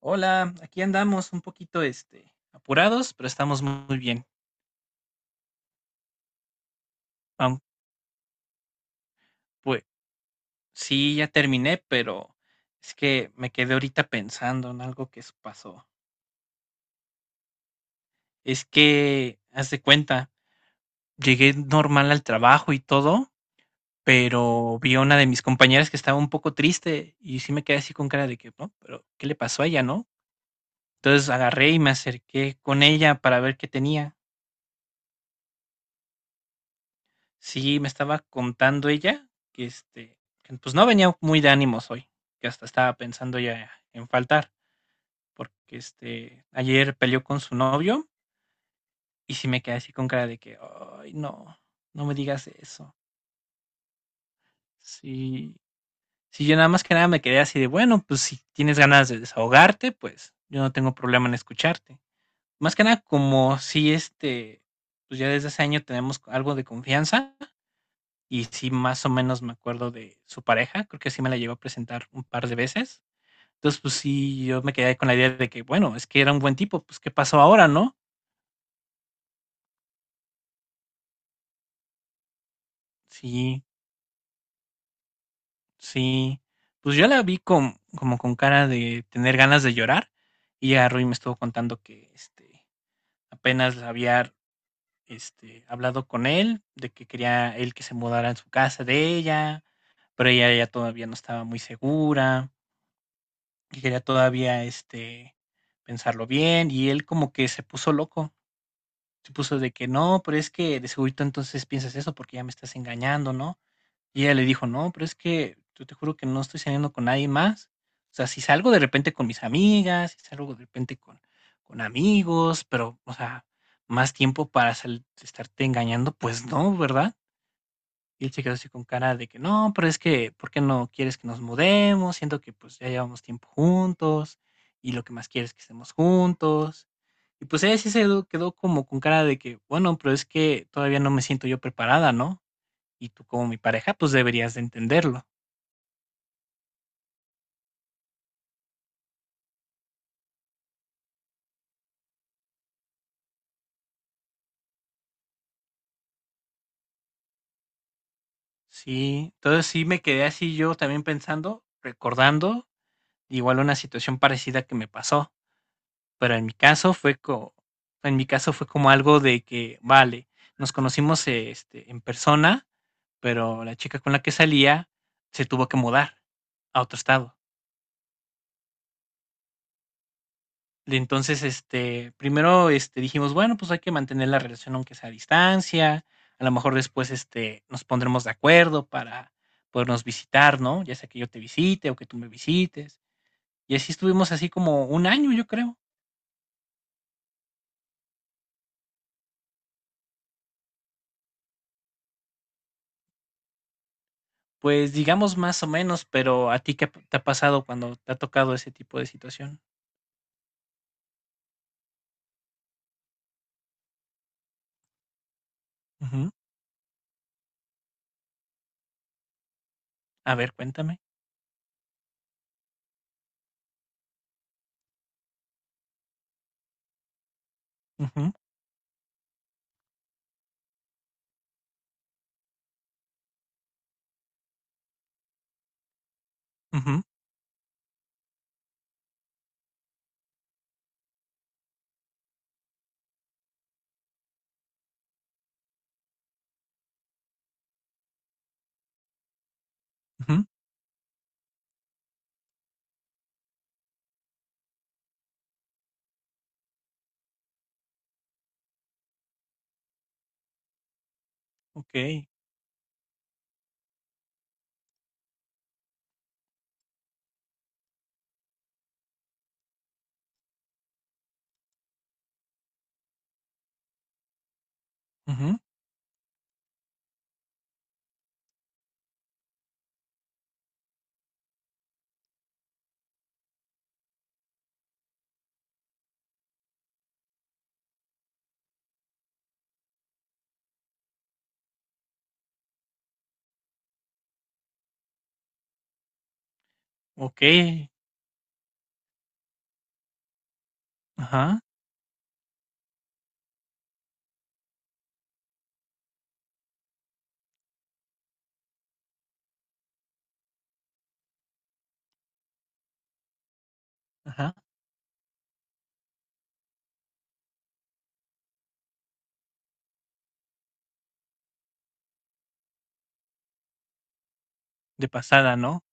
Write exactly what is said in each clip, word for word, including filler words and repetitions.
Hola, aquí andamos un poquito, este, apurados, pero estamos muy bien. Am, pues sí, ya terminé, pero es que me quedé ahorita pensando en algo que s- pasó. Es que, haz de cuenta, llegué normal al trabajo y todo, pero vi a una de mis compañeras que estaba un poco triste y sí me quedé así con cara de que, no, pero ¿qué le pasó a ella, no? Entonces agarré y me acerqué con ella para ver qué tenía. Sí, me estaba contando ella que, este, que, pues no venía muy de ánimos hoy, que hasta estaba pensando ya en faltar, porque este, ayer peleó con su novio y sí me quedé así con cara de que, ay, no, no me digas eso. Sí, sí, yo nada más que nada me quedé así de, bueno, pues si tienes ganas de desahogarte, pues yo no tengo problema en escucharte. Más que nada, como si este, pues ya desde hace año tenemos algo de confianza. Y sí, más o menos me acuerdo de su pareja, creo que sí me la llegó a presentar un par de veces. Entonces, pues sí, yo me quedé con la idea de que, bueno, es que era un buen tipo, pues ¿qué pasó ahora, no? Sí, sí. Pues yo la vi con, como con cara de tener ganas de llorar y agarró y me estuvo contando que este, apenas había este, hablado con él, de que quería él que se mudara en su casa de ella, pero ella ya todavía no estaba muy segura, que quería todavía este pensarlo bien y él como que se puso loco, se puso de que no, pero es que de segurito entonces piensas eso porque ya me estás engañando, ¿no? Y ella le dijo, no, pero es que yo te juro que no estoy saliendo con nadie más. O sea, si salgo de repente con mis amigas, si salgo de repente con, con amigos, pero, o sea, más tiempo para sal- estarte engañando, pues no, ¿verdad? Y él se quedó así con cara de que no, pero es que, ¿por qué no quieres que nos mudemos? Siento que pues ya llevamos tiempo juntos y lo que más quieres es que estemos juntos. Y pues ella sí se quedó quedó como con cara de que, bueno, pero es que todavía no me siento yo preparada, ¿no? Y tú como mi pareja, pues deberías de entenderlo. Sí, entonces sí me quedé así yo también pensando, recordando igual una situación parecida que me pasó. Pero en mi caso fue co en mi caso fue como algo de que, vale, nos conocimos, eh, este, en persona, pero la chica con la que salía se tuvo que mudar a otro estado. Y entonces, este, primero, este, dijimos, bueno, pues hay que mantener la relación aunque sea a distancia, a lo mejor después, este, nos pondremos de acuerdo para podernos visitar, ¿no? Ya sea que yo te visite o que tú me visites. Y así estuvimos así como un año, yo creo. Pues, digamos más o menos, pero, ¿a ti qué p- te ha pasado cuando te ha tocado ese tipo de situación? Ujú. A ver, cuéntame. Ujú, ujú, ujú. Okey. Ujú. Okey. Ajá, ajá. De pasada, ¿no?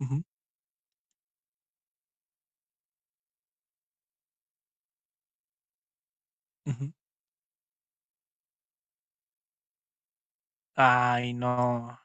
Ujú, ujú. Ay, no.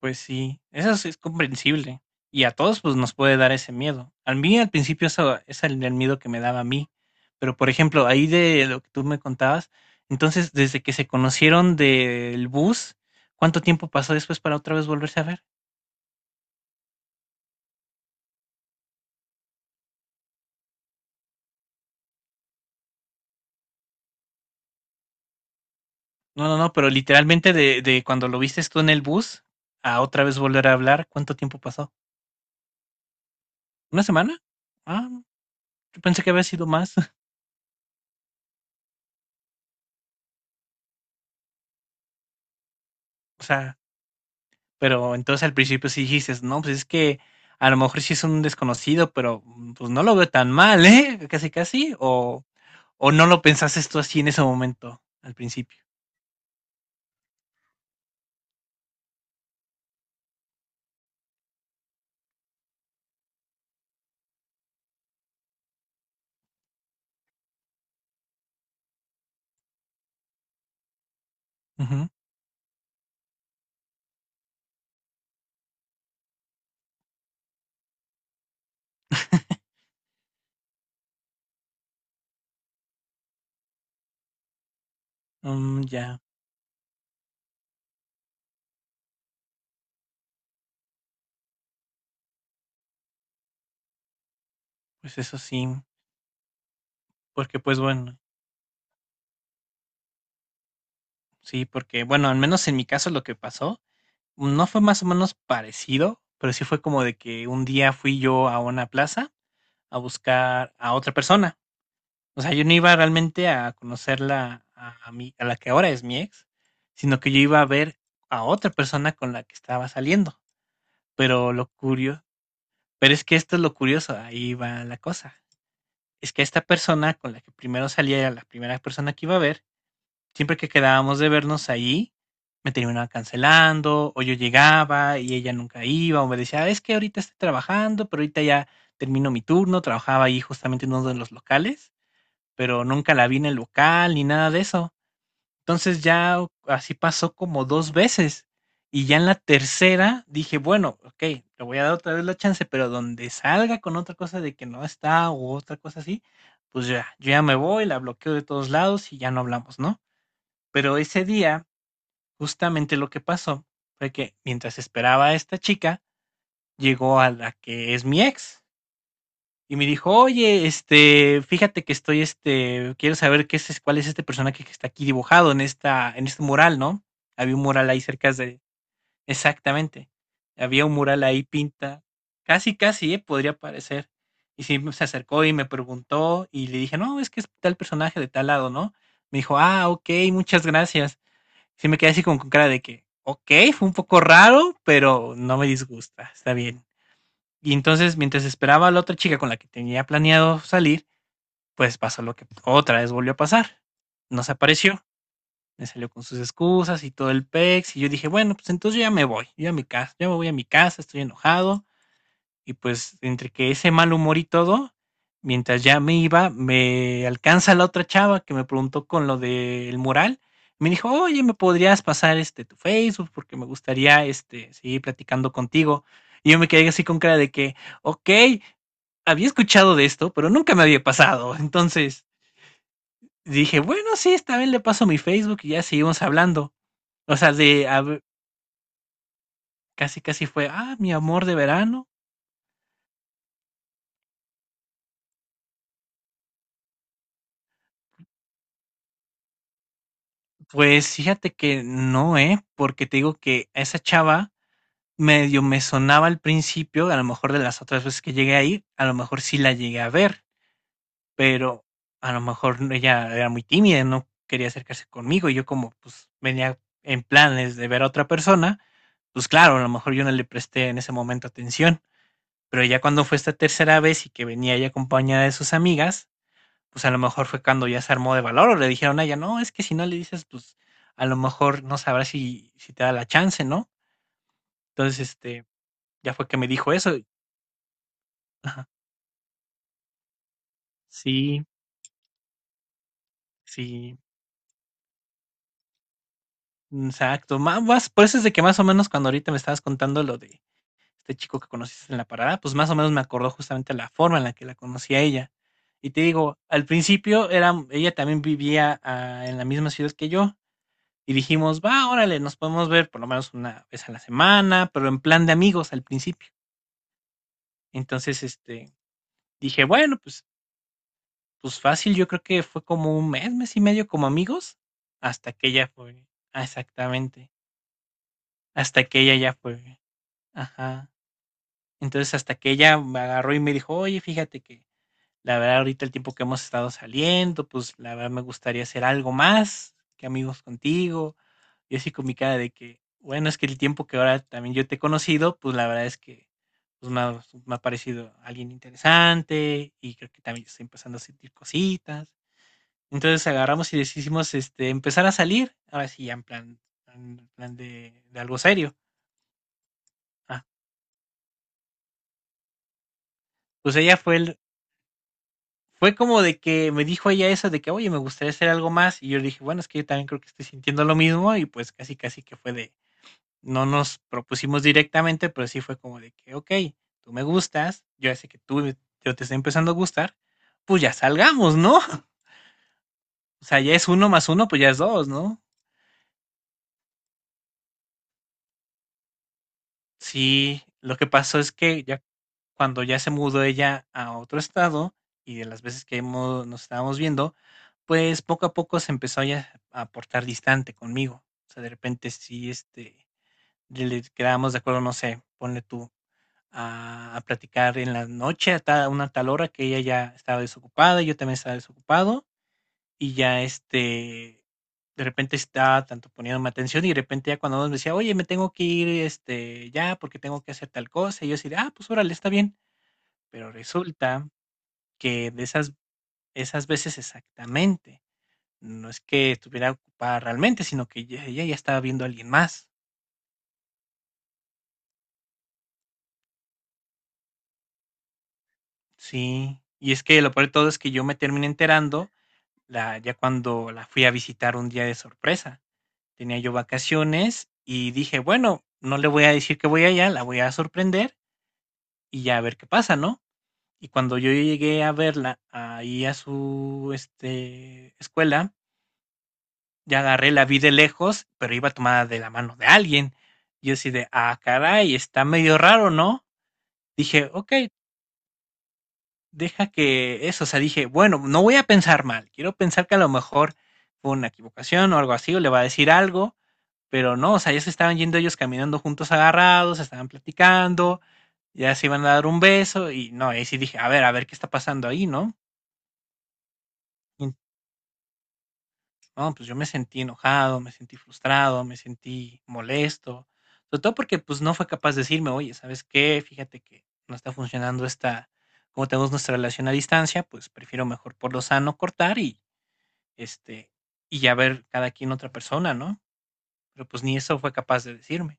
Pues sí, eso sí es comprensible. Y a todos pues nos puede dar ese miedo. A mí al principio eso es el, el miedo que me daba a mí. Pero por ejemplo, ahí de lo que tú me contabas, entonces desde que se conocieron del bus, ¿cuánto tiempo pasó después para otra vez volverse a ver? No, no, no, pero literalmente de, de cuando lo viste tú en el bus a otra vez volver a hablar, ¿cuánto tiempo pasó? ¿Una semana? Ah, yo pensé que había sido más. O sea, pero entonces al principio sí dijiste, no, pues es que a lo mejor sí es un desconocido, pero mm, pues no lo veo tan mal, ¿eh? Casi, casi. O, o no lo pensaste tú así en ese momento, al principio. Ujú. Mm, ya, pues eso sí. Porque pues bueno, sí, porque bueno, al menos en mi caso lo que pasó no fue más o menos parecido, pero sí fue como de que un día fui yo a una plaza a buscar a otra persona. O sea, yo no iba realmente a conocerla a a mi a la que ahora es mi ex, sino que yo iba a ver a otra persona con la que estaba saliendo. Pero lo curio Pero es que esto es lo curioso, ahí va la cosa. Es que esta persona con la que primero salía, era la primera persona que iba a ver, siempre que quedábamos de vernos allí, me terminaba cancelando, o yo llegaba y ella nunca iba, o me decía, "Ah, es que ahorita estoy trabajando, pero ahorita ya termino mi turno", trabajaba ahí justamente en uno de los locales, pero nunca la vi en el local ni nada de eso. Entonces ya así pasó como dos veces. Y ya en la tercera dije, bueno, ok, le voy a dar otra vez la chance, pero donde salga con otra cosa de que no está o otra cosa así, pues ya, yo ya me voy, la bloqueo de todos lados y ya no hablamos, ¿no? Pero ese día, justamente lo que pasó fue que mientras esperaba a esta chica, llegó a la que es mi ex y me dijo, oye, este, fíjate que estoy, este, quiero saber qué es, cuál es este personaje que está aquí dibujado en esta, en este mural, ¿no? Había un mural ahí cerca de, exactamente, había un mural ahí pinta, casi, casi, eh, podría parecer. Y sí, se acercó y me preguntó y le dije, no, es que es tal personaje de tal lado, ¿no? Me dijo, ah, ok, muchas gracias. Sí me quedé así como con cara de que, ok, fue un poco raro, pero no me disgusta, está bien. Y entonces, mientras esperaba a la otra chica con la que tenía planeado salir, pues pasó lo que otra vez volvió a pasar. No se apareció, me salió con sus excusas y todo el pex. Y yo dije, bueno, pues entonces yo ya me voy, yo a mi casa, yo me voy a mi casa, estoy enojado. Y pues entre que ese mal humor y todo, mientras ya me iba, me alcanza la otra chava que me preguntó con lo del mural. Me dijo, oye, ¿me podrías pasar este tu Facebook? Porque me gustaría este, seguir platicando contigo. Y yo me quedé así con cara de que, ok, había escuchado de esto, pero nunca me había pasado. Entonces dije, bueno, sí, esta vez le paso mi Facebook y ya seguimos hablando. O sea, de a ver, casi casi fue, ah, mi amor de verano. Pues fíjate que no, ¿eh? Porque te digo que a esa chava medio me sonaba al principio, a lo mejor de las otras veces que llegué a ir, a lo mejor sí la llegué a ver, pero a lo mejor ella era muy tímida, no quería acercarse conmigo y yo como pues venía en planes de ver a otra persona, pues claro, a lo mejor yo no le presté en ese momento atención, pero ya cuando fue esta tercera vez y que venía ella acompañada de sus amigas, pues, a lo mejor fue cuando ya se armó de valor, o le dijeron a ella: "No, es que si no le dices, pues, a lo mejor no sabrás si si te da la chance", ¿no? Entonces, este, ya fue que me dijo eso ajá. Sí, sí, exacto. Ma Más por eso es de que más o menos cuando ahorita me estabas contando lo de este chico que conociste en la parada, pues, más o menos me acordó justamente la forma en la que la conocí a ella. Y te digo, al principio era ella también vivía, ah, en la misma ciudad que yo. Y dijimos, va, órale, nos podemos ver por lo menos una vez a la semana, pero en plan de amigos al principio. Entonces, este, dije, bueno, pues, pues fácil, yo creo que fue como un mes, mes y medio como amigos, hasta que ella fue, ah, exactamente, hasta que ella ya fue, ajá. Entonces, hasta que ella me agarró y me dijo, oye, fíjate que la verdad ahorita el tiempo que hemos estado saliendo, pues la verdad me gustaría hacer algo más que amigos contigo. Yo así con mi cara de que, bueno, es que el tiempo que ahora también yo te he conocido, pues la verdad es que pues, me, ha, me ha parecido alguien interesante y creo que también estoy empezando a sentir cositas. Entonces agarramos y decidimos este, empezar a salir, ahora sí, ya en plan, en plan de, de algo serio. Ah, pues ella fue el, fue como de que me dijo ella eso de que, oye, me gustaría hacer algo más. Y yo le dije, bueno, es que yo también creo que estoy sintiendo lo mismo. Y pues casi, casi que fue de, no nos propusimos directamente, pero sí fue como de que: "Okey, tú me gustas, yo ya sé que tú yo te estoy empezando a gustar, pues ya salgamos", ¿no? O sea, ya es uno más uno, pues ya es dos, ¿no? Sí, lo que pasó es que ya cuando ya se mudó ella a otro estado, y de las veces que hemos nos estábamos viendo, pues poco a poco se empezó ya a portar distante conmigo. O sea, de repente sí, este, le le quedábamos de acuerdo, no sé, ponle tú a a platicar en la noche a ta una tal hora que ella ya estaba desocupada, yo también estaba desocupado, y ya, este, de repente estaba tanto poniéndome atención y de repente ya cuando me decía: "Oye, me tengo que ir, este, ya porque tengo que hacer tal cosa", y yo decía: "Ah, pues órale, está bien". Pero resulta que de esas esas veces exactamente, no es que estuviera ocupada realmente, sino que ya ella ya estaba viendo a alguien más. Sí, y es que lo peor de todo es que yo me terminé enterando La ya cuando la fui a visitar un día de sorpresa. Tenía yo vacaciones y dije: "Bueno, no le voy a decir que voy allá, la voy a sorprender y ya a ver qué pasa", ¿no? Y cuando yo llegué a verla ahí a su, este, escuela, ya agarré, la vi de lejos, pero iba tomada de la mano de alguien. Yo así de: "Ah, caray, está medio raro, ¿no?". Dije: "Okey, deja que eso", o sea, dije: "Bueno, no voy a pensar mal, quiero pensar que a lo mejor fue una equivocación o algo así, o le va a decir algo". Pero no, o sea, ya se estaban yendo ellos caminando juntos agarrados, estaban platicando, ya se iban a dar un beso y no, ahí sí dije, a ver, a ver qué está pasando ahí, ¿no? Y no, pues yo me sentí enojado, me sentí frustrado, me sentí molesto, sobre todo porque pues no fue capaz de decirme, oye, ¿sabes qué? Fíjate que no está funcionando esta, como tenemos nuestra relación a distancia, pues prefiero mejor por lo sano cortar y este, y ya ver cada quien otra persona, ¿no? Pero pues ni eso fue capaz de decirme.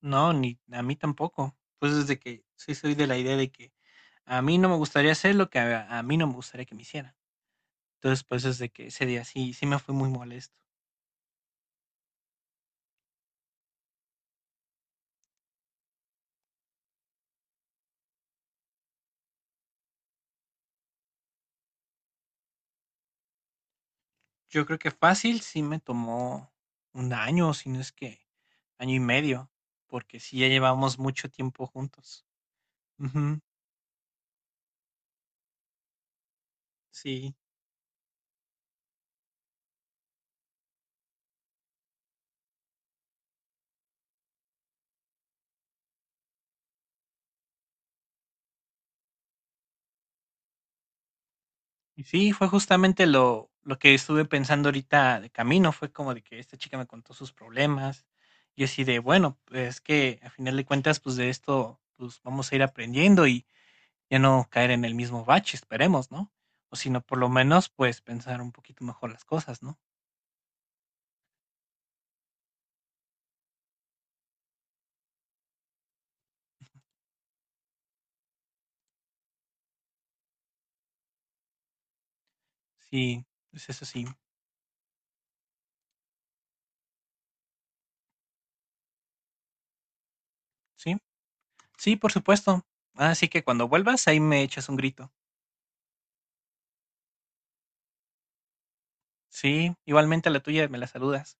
No, ni a mí tampoco. Pues desde que sí soy de la idea de que a mí no me gustaría hacer lo que a, a mí no me gustaría que me hicieran. Entonces, pues desde que ese día sí, sí me fue muy molesto. Yo creo que fácil sí me tomó un año, si no es que año y medio, porque sí ya llevamos mucho tiempo juntos. Ujú, sí. Y sí, fue justamente lo lo que estuve pensando ahorita de camino, fue como de que esta chica me contó sus problemas, y así de, bueno, pues es que a final de cuentas, pues de esto, pues vamos a ir aprendiendo y ya no caer en el mismo bache, esperemos, ¿no? O si no, por lo menos, pues pensar un poquito mejor las cosas, ¿no? Sí, es eso sí, sí, sí, por supuesto. Así que cuando vuelvas, ahí me echas un grito. Sí, igualmente a la tuya me la saludas.